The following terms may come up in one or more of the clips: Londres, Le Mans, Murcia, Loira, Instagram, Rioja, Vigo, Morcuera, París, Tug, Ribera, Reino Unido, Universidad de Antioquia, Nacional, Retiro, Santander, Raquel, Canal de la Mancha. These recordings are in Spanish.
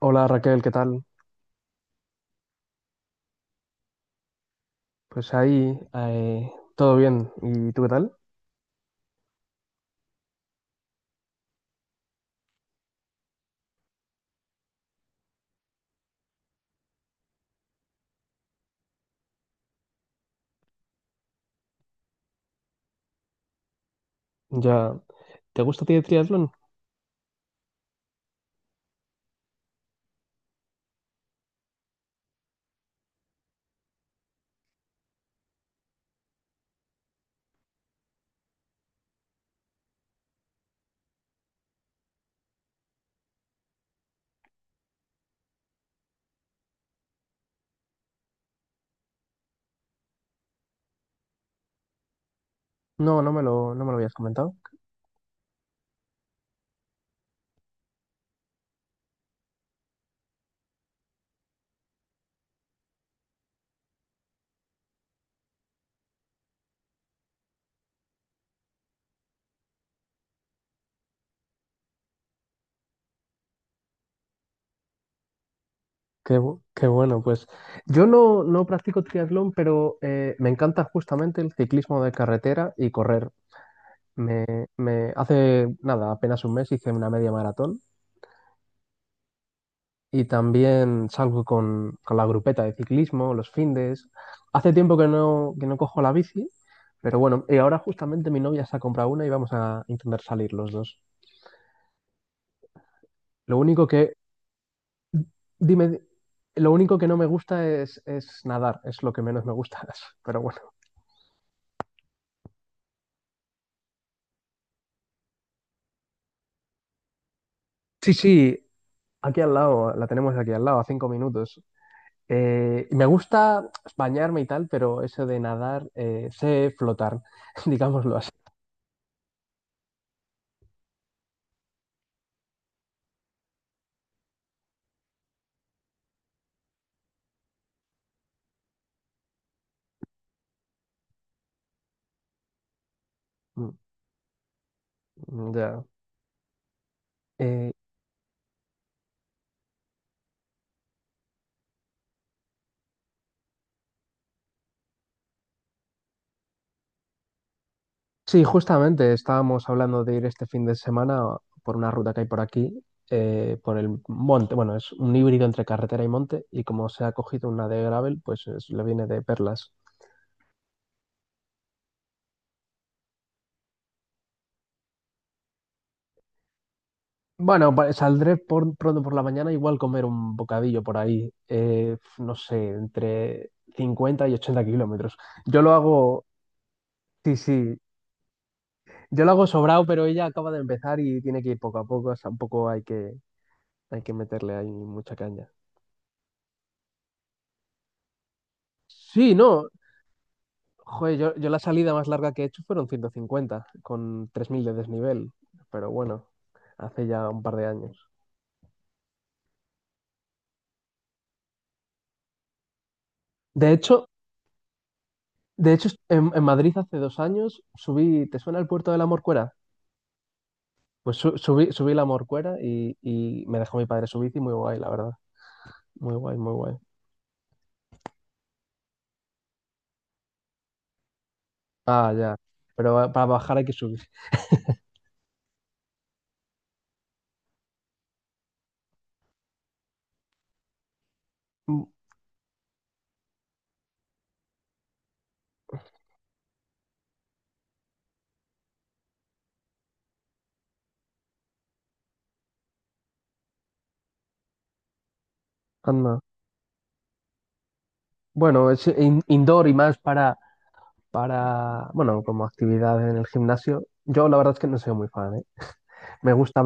Hola Raquel, ¿qué tal? Pues ahí, todo bien. ¿Y tú qué tal? Ya, ¿te gusta a ti el triatlón? No, no me lo habías comentado. Qué bueno, pues yo no practico triatlón, pero me encanta justamente el ciclismo de carretera y correr. Me, me hace nada, apenas un mes hice una media maratón y también salgo con la grupeta de ciclismo, los findes. Hace tiempo que no cojo la bici, pero bueno, y ahora justamente mi novia se ha comprado una y vamos a intentar salir los dos. Lo único que, dime, di- lo único que no me gusta es nadar, es lo que menos me gusta, pero bueno. Sí, sí, aquí al lado, la tenemos aquí al lado, a 5 minutos. Me gusta bañarme y tal, pero eso de nadar, sé flotar, digámoslo así. Mm. Ya. Eh, Sí, justamente estábamos hablando de ir este fin de semana por una ruta que hay por aquí, por el monte. Bueno, es un híbrido entre carretera y monte, y como se ha cogido una de gravel, pues le viene de perlas. Bueno, saldré pronto por la mañana, igual comer un bocadillo por ahí, no sé, entre 50 y 80 kilómetros. Yo lo hago, sí, sí, yo lo hago sobrado, pero ella acaba de empezar y tiene que ir poco a poco, o sea, un poco hay que meterle ahí mucha caña. Sí, no. Joder, yo la salida más larga que he hecho fueron 150, con 3.000 de desnivel, pero bueno, hace ya un par de años. De hecho, de hecho en Madrid hace 2 años subí. ¿Te suena el puerto de la Morcuera? Pues subí la Morcuera y me dejó mi padre su bici, muy guay, la verdad. Muy guay, muy guay. Ah, ya. Pero para bajar hay que subir. Mm. Anda. Bueno, es indoor y más para, bueno, como actividad en el gimnasio. Yo la verdad es que no soy muy fan, ¿eh? Me gusta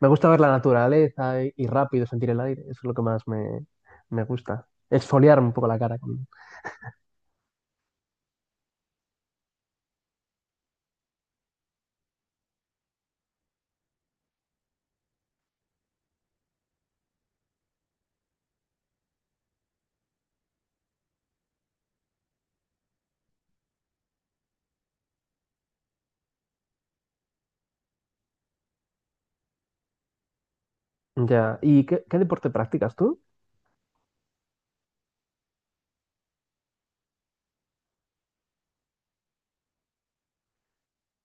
Me gusta ver la naturaleza y rápido sentir el aire, eso es lo que más me gusta. Exfoliarme un poco la cara. Ya. ¿Y qué deporte practicas tú?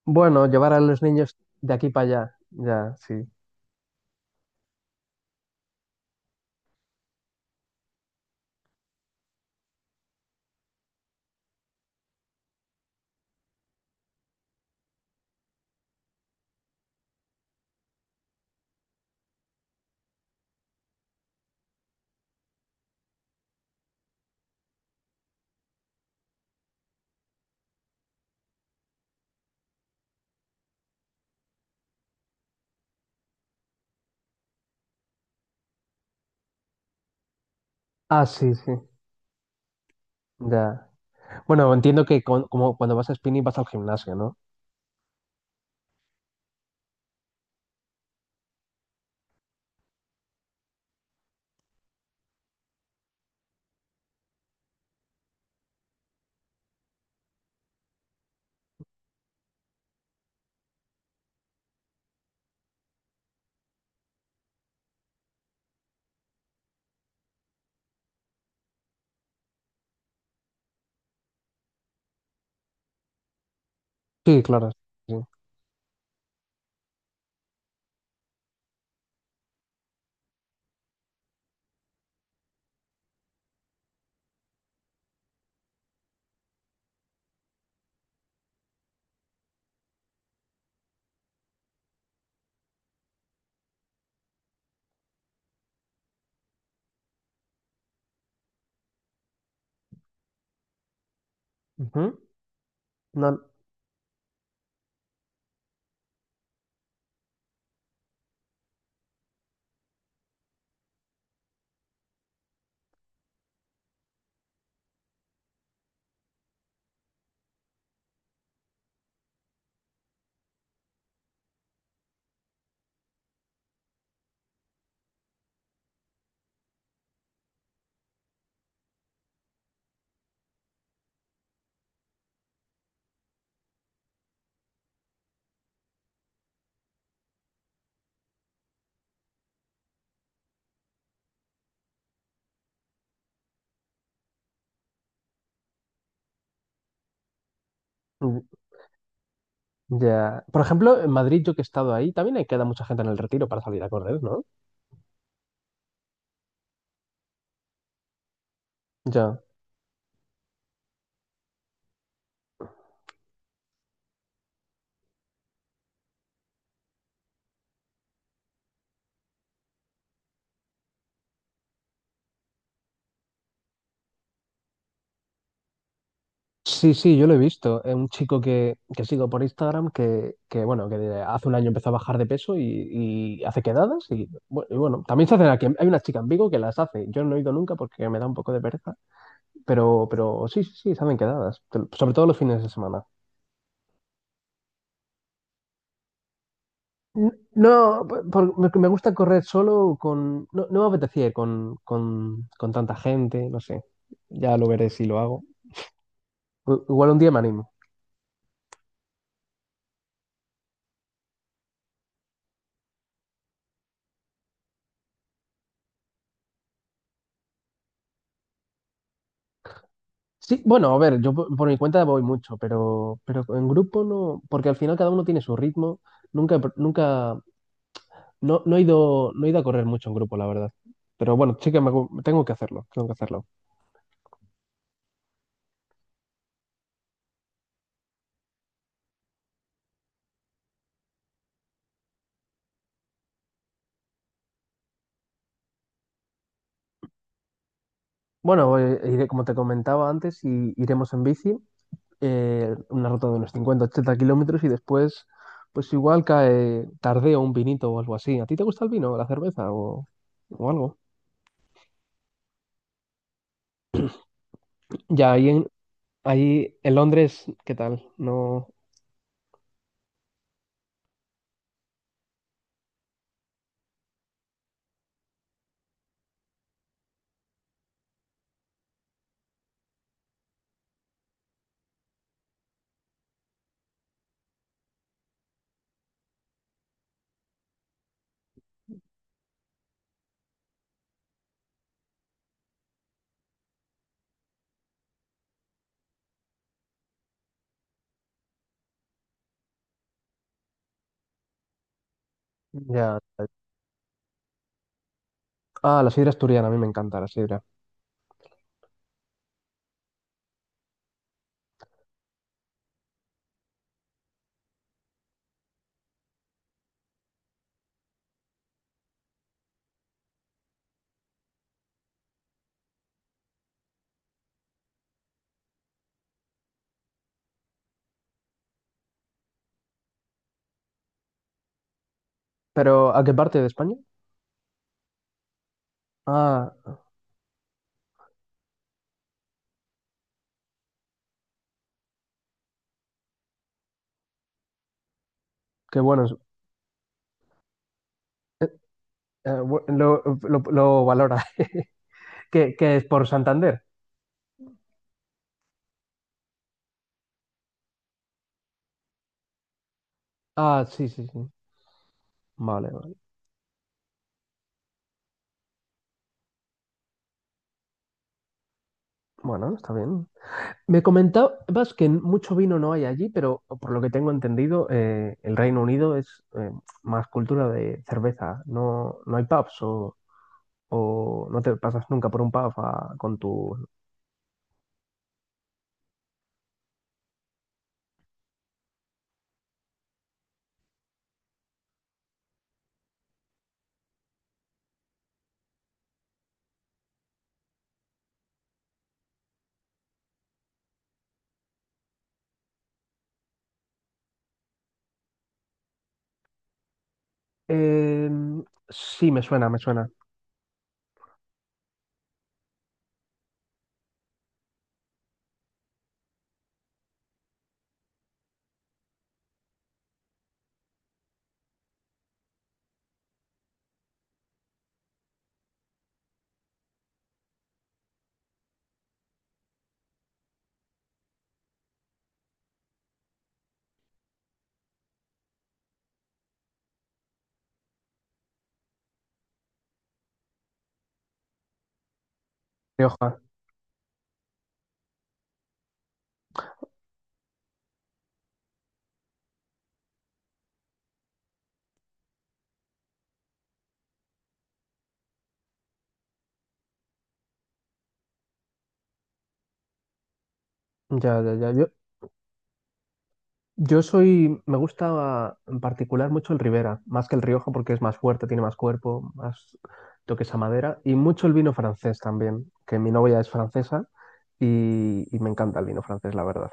Bueno, llevar a los niños de aquí para allá. Ya, sí. Ah, sí, sí. Ya. Bueno, entiendo que como cuando vas a spinning vas al gimnasio, ¿no? Sí, claro. Sí. Ujú. No, mm, ya. Por ejemplo, en Madrid, yo que he estado ahí, también hay queda mucha gente en el Retiro para salir a correr, ¿no? Ya. Sí, sí, yo lo he visto. Es un chico que sigo por Instagram bueno, que hace un año empezó a bajar de peso y hace quedadas y bueno, también se hacen aquí. Hay una chica en Vigo que las hace. Yo no he ido nunca porque me da un poco de pereza, pero sí, sí, sí, se hacen quedadas, sobre todo los fines de semana. No, me gusta correr solo con... No, no me apetecía ir con tanta gente, no sé. Ya lo veré si lo hago. Igual un día me animo. Sí, bueno, a ver, yo por mi cuenta voy mucho, pero en grupo no, porque al final cada uno tiene su ritmo. Nunca, he pr- nunca, No he ido a correr mucho en grupo, la verdad. Pero bueno, sí que tengo que hacerlo, tengo que hacerlo. Bueno, iré, como te comentaba antes, y iremos en bici, una ruta de unos 50, 80 kilómetros y después, pues igual cae tardeo un vinito o algo así. ¿A ti te gusta el vino, la cerveza o algo? Ya, ahí en Londres, ¿qué tal? No, ya. Ah, la sidra asturiana, a mí me encanta la sidra. Pero, ¿a qué parte de España? Ah, qué bueno. Eh, bu- lo, lo valora. ¿Qué es por Santander? Ah, sí, sí, sí. Vale, vale. Bueno, está bien. Me comentabas que mucho vino no hay allí, pero por lo que tengo entendido, el Reino Unido es más cultura de cerveza. No hay pubs o no te pasas nunca por un pub con tu... Sí, me suena, me suena. Rioja. Ya, ya, ya. Me gusta en particular mucho el Ribera, más que el Rioja porque es más fuerte, tiene más cuerpo, más toques a madera y mucho el vino francés también, que mi novia es francesa y me encanta el vino francés, la verdad.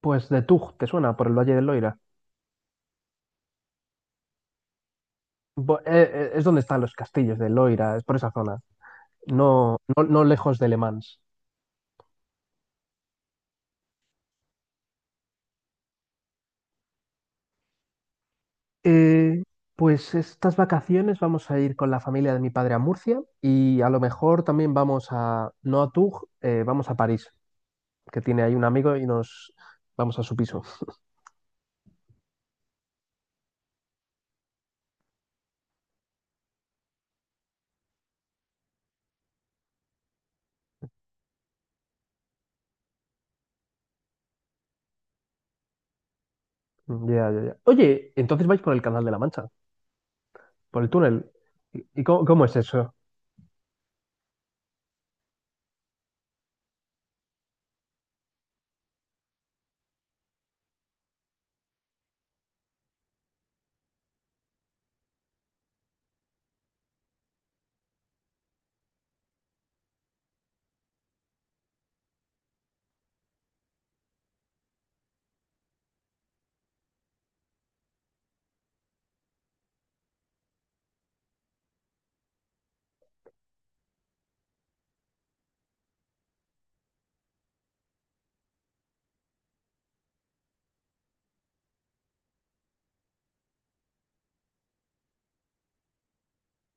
Pues de Tug, ¿te suena? Por el Valle del Loira. Es donde están los castillos de Loira, es por esa zona, no lejos de Le Mans. Eh, pues estas vacaciones vamos a ir con la familia de mi padre a Murcia y a lo mejor también vamos a, no a Tug, vamos a París. Que tiene ahí un amigo y nos vamos a su piso. Ya, ya, ya. Oye, entonces vais por el Canal de la Mancha, por el túnel. ¿Y cómo es eso?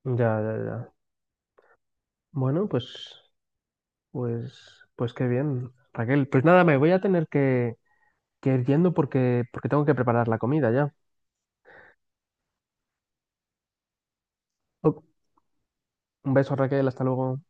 Ya, ya, ya. Bueno, pues qué bien, Raquel. Pues nada, me voy a tener que ir yendo porque tengo que preparar la comida ya. Oh. Un beso, Raquel, hasta luego.